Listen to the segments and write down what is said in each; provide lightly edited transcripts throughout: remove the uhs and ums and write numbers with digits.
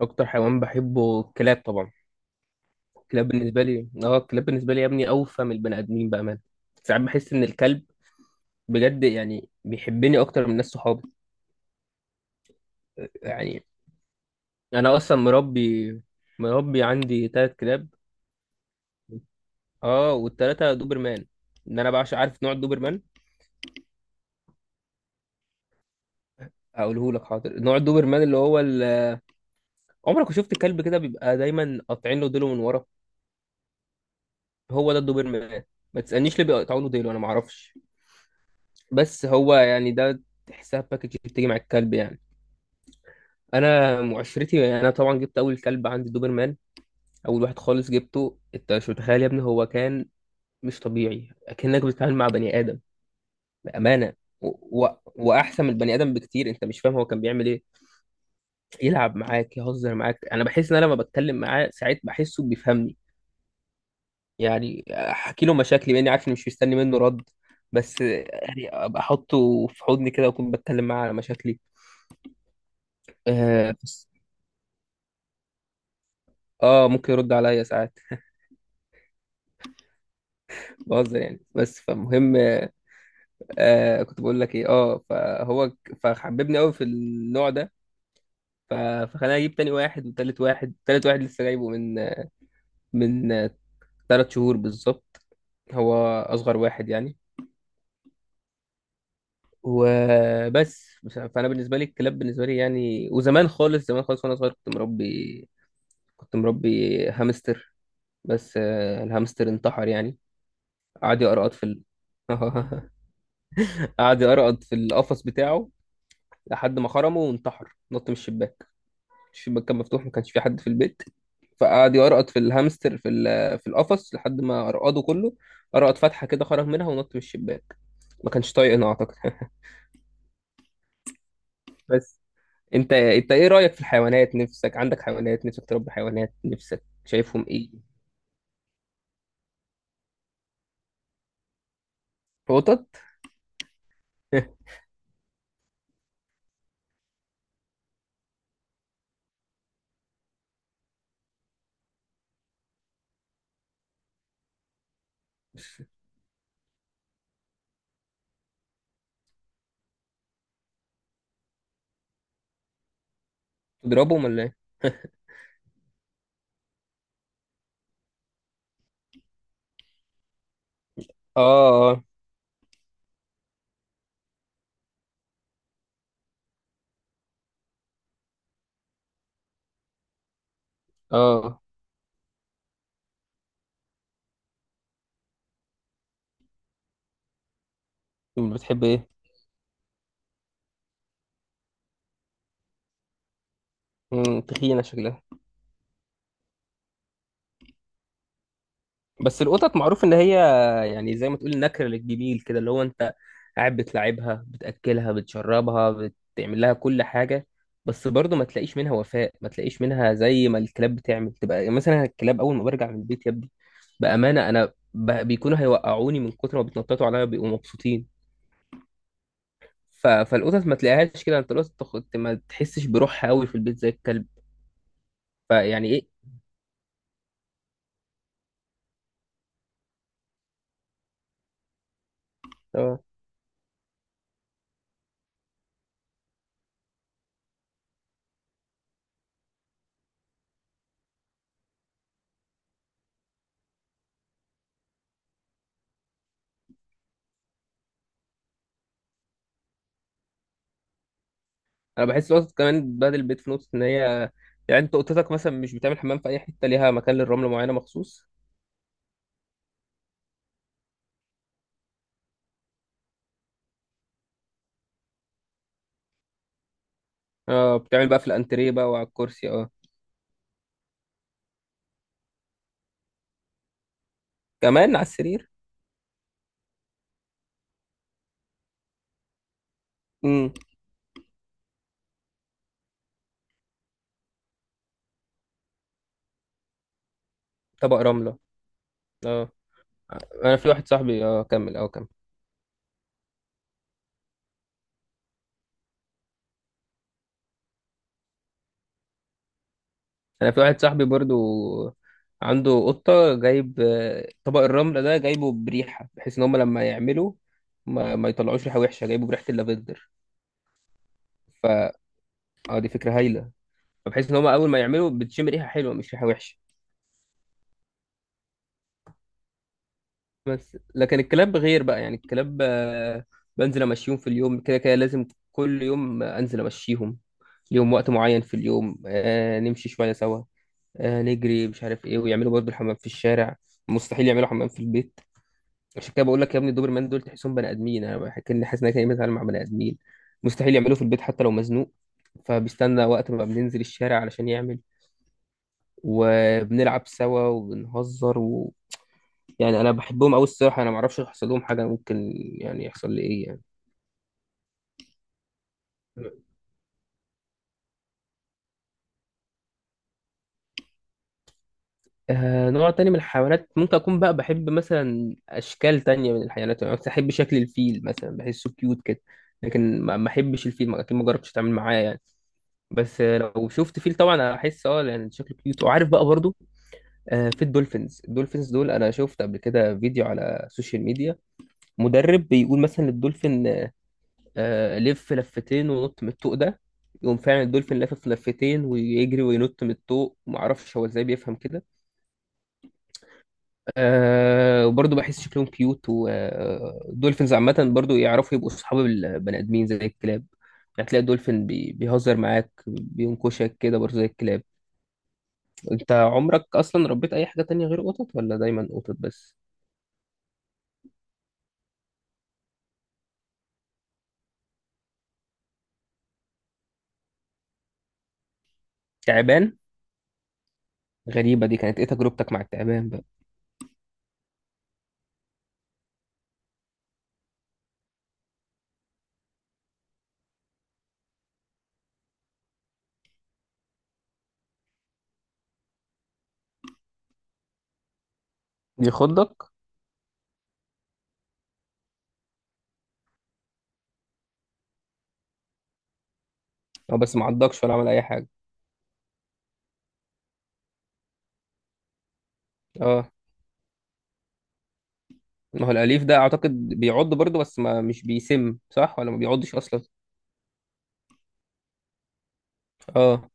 اكتر حيوان بحبه الكلاب طبعا. الكلاب بالنسبه لي، اه، الكلاب بالنسبه لي يا ابني اوفى من البني ادمين بامانه. ساعات بحس ان الكلب بجد يعني بيحبني اكتر من ناس صحابي يعني. انا اصلا مربي، عندي 3 كلاب. اه، والثلاثه دوبرمان. انا بعشق، عارف نوع الدوبرمان؟ اقوله لك، حاضر. نوع الدوبرمان عمرك ما شفت الكلب كده بيبقى دايما قاطعين له ديله من ورا؟ هو ده الدوبرمان. ما تسالنيش ليه بيقطعوا له ديله، انا ما اعرفش، بس هو يعني ده، تحسها باكج بتيجي مع الكلب يعني. انا معشرتي، انا طبعا جبت اول كلب عندي دوبرمان. اول واحد خالص جبته، انت مش متخيل يا ابني هو كان مش طبيعي، اكنك بتتعامل مع بني ادم بامانه. و... واحسن من البني ادم بكتير، انت مش فاهم هو كان بيعمل ايه. يلعب معاك، يهزر معاك. انا بحس ان انا لما بتكلم معاه ساعات بحسه بيفهمني. يعني احكي له مشاكلي باني عارف اني مش مستني منه رد، بس يعني ابقى احطه في حضني كده واكون بتكلم معاه على مشاكلي. اه, بس... آه، ممكن يرد عليا ساعات. بهزر يعني، بس فمهم. آه، كنت بقول لك ايه؟ اه، فحببني قوي في النوع ده. ف- فخلاني اجيب تاني واحد وتالت واحد. تالت واحد لسه جايبه من من 3 شهور بالظبط. هو اصغر واحد يعني. فانا بالنسبه لي الكلاب بالنسبه لي يعني، وزمان خالص، زمان خالص وانا صغير كنت مربي، كنت مربي هامستر. بس الهامستر انتحر يعني. قعد يقرقط في ال... قعد يقرقط في القفص بتاعه لحد ما خرمه وانتحر، نط من الشباك. الشباك كان مفتوح، ما كانش في حد في البيت، فقعد يقرقط في الهامستر في القفص لحد ما قرقده كله. قرقط فتحة كده، خرج منها ونط من الشباك. ما كانش طايقنا اعتقد. بس، انت ايه رأيك في الحيوانات؟ نفسك عندك حيوانات؟ نفسك تربي حيوانات؟ نفسك شايفهم ايه؟ قطط. تضربهم ولا ايه؟ اه. اه. اه، بتحب ايه؟ مم، تخينة شكلها. بس القطط معروف ان هي يعني زي ما تقول نكر للجميل كده، اللي هو انت قاعد بتلاعبها، بتاكلها، بتشربها، بتعمل لها كل حاجه، بس برضه ما تلاقيش منها وفاء، ما تلاقيش منها زي ما الكلاب بتعمل. تبقى مثلا الكلاب اول ما برجع من البيت يا ابني، بامانه انا بيكونوا هيوقعوني من كتر ما بيتنططوا عليا، بيبقوا مبسوطين. فالقطط ما تلاقيهاش كده. انت القطط ما تحسش بروحها قوي في البيت زي الكلب. فيعني ايه، انا بحس الوسط كمان بدل البيت في نقطه ان هي يعني انت اوضتك مثلا مش بتعمل حمام في اي حته، ليها مكان للرمله معينه مخصوص. اه، بتعمل بقى في الانتريه بقى وعلى الكرسي. اه، كمان على السرير. امم. طبق رمله. اه. انا في واحد صاحبي، اه، كمل، اه، كمل. انا في واحد صاحبي برضو عنده قطه، جايب طبق الرمله ده جايبه بريحه، بحيث ان هم لما يعملوا ما يطلعوش ريحه وحشه. جايبه بريحه اللافندر. ف اه، دي فكره هايله. فبحيث ان هم اول ما يعملوا بتشم ريحه حلوه مش ريحه وحشه. بس لكن الكلاب غير بقى يعني. الكلاب بنزل امشيهم في اليوم كده كده لازم، كل يوم انزل امشيهم. ليهم وقت معين في اليوم، آه، نمشي شويه سوا، آه، نجري، مش عارف ايه، ويعملوا برضه الحمام في الشارع. مستحيل يعملوا حمام في البيت. عشان كده بقول لك يا ابني الدوبرمان دول تحسهم بني ادمين. انا بحكي ان حاسس ان انا كاني بتعامل مع بني ادمين. مستحيل يعملوه في البيت حتى لو مزنوق، فبيستنى وقت ما بننزل الشارع علشان يعمل. وبنلعب سوا وبنهزر يعني. انا بحبهم قوي الصراحه. انا ما اعرفش يحصل لهم حاجه، ممكن يعني يحصل لي ايه يعني. آه، نوع تاني من الحيوانات، ممكن اكون بقى بحب مثلا اشكال تانية من الحيوانات. يعني مثلا احب شكل الفيل مثلا، بحسه كيوت كده. لكن ما احبش الفيل، اكيد ما جربتش اتعامل معاه يعني. بس لو شفت فيل طبعا احس، اه، يعني شكله كيوت. وعارف بقى برضو، آه، في الدولفينز. الدولفينز دول انا شفت قبل كده فيديو على السوشيال ميديا، مدرب بيقول مثلا للدولفين، لف 2 ونط من الطوق ده، يقوم فعلا الدولفين لافف 2 ويجري وينط من الطوق. معرفش هو ازاي بيفهم كده. أه، وبرضه بحس شكلهم كيوت. والدولفينز عامة برضه يعرفوا يبقوا صحاب البني آدمين زي الكلاب. يعني تلاقي الدولفين بيهزر معاك، بينكشك كده برضه زي الكلاب. انت عمرك أصلا ربيت أي حاجة تانية غير قطط؟ ولا دايما قطط بس؟ تعبان؟ غريبة دي، كانت ايه تجربتك مع التعبان بقى؟ بيخضك؟ اه، بس معضكش ولا عمل أي حاجة؟ اه. ما هو الأليف ده أعتقد بيعض برضه، بس ما مش بيسم، صح؟ ولا ما بيعضش أصلا؟ اه.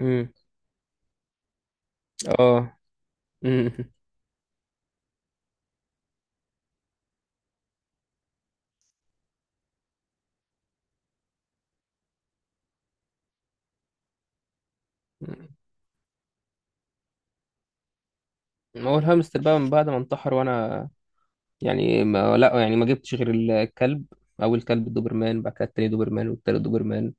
امم. اه. امم. ما هو الهامستر بقى من بعد ما انتحر وأنا يعني، ما لا يعني، ما جبتش غير الكلب. أول كلب الدوبرمان، بعد كده التاني دوبرمان، والتالت دوبرمان.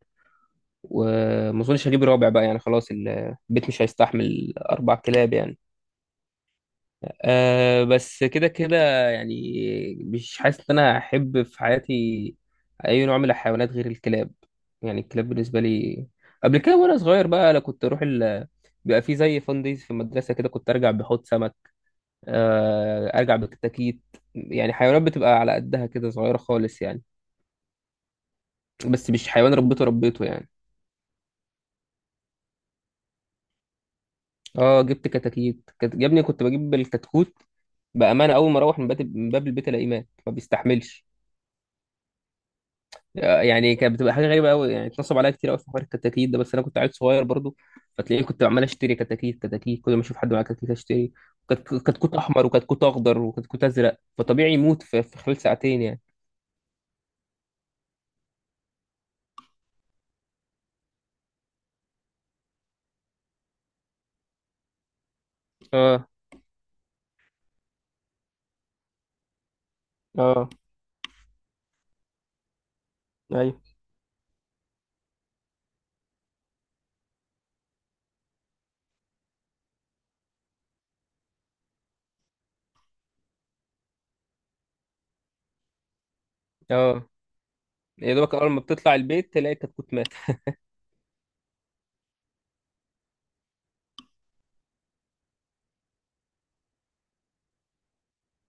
وما أظنش هجيب رابع بقى يعني، خلاص البيت مش هيستحمل 4 كلاب يعني. أه، بس كده كده يعني. مش حاسس ان انا احب في حياتي اي نوع من الحيوانات غير الكلاب يعني. الكلاب بالنسبه لي، قبل كده وانا صغير بقى، انا كنت اروح ال... بيبقى في زي فان دايز في المدرسه كده، كنت ارجع بحوض سمك، أه، ارجع بكتاكيت. يعني حيوانات بتبقى على قدها كده، صغيره خالص يعني، بس مش حيوان ربيته ربيته يعني. اه، جبت كتاكيت، يا ابني كنت بجيب الكتكوت بامانه، اول ما اروح من باب البيت الاقيه مات، ما بيستحملش. يعني كانت بتبقى حاجه غريبه قوي يعني. اتنصب عليا كتير قوي في حوار الكتاكيت ده، بس انا كنت عيل صغير برضو. فتلاقيه كنت عمال اشتري كتاكيت كتاكيت، كل ما اشوف حد معاه كتاكيت اشتري. كتكوت احمر، وكتكوت اخضر، وكتكوت ازرق، فطبيعي يموت في خلال 2 ساعات يعني. اه. اه. ايوه. اه، يا دوبك اول ما بتطلع البيت تلاقي كتكوت مات.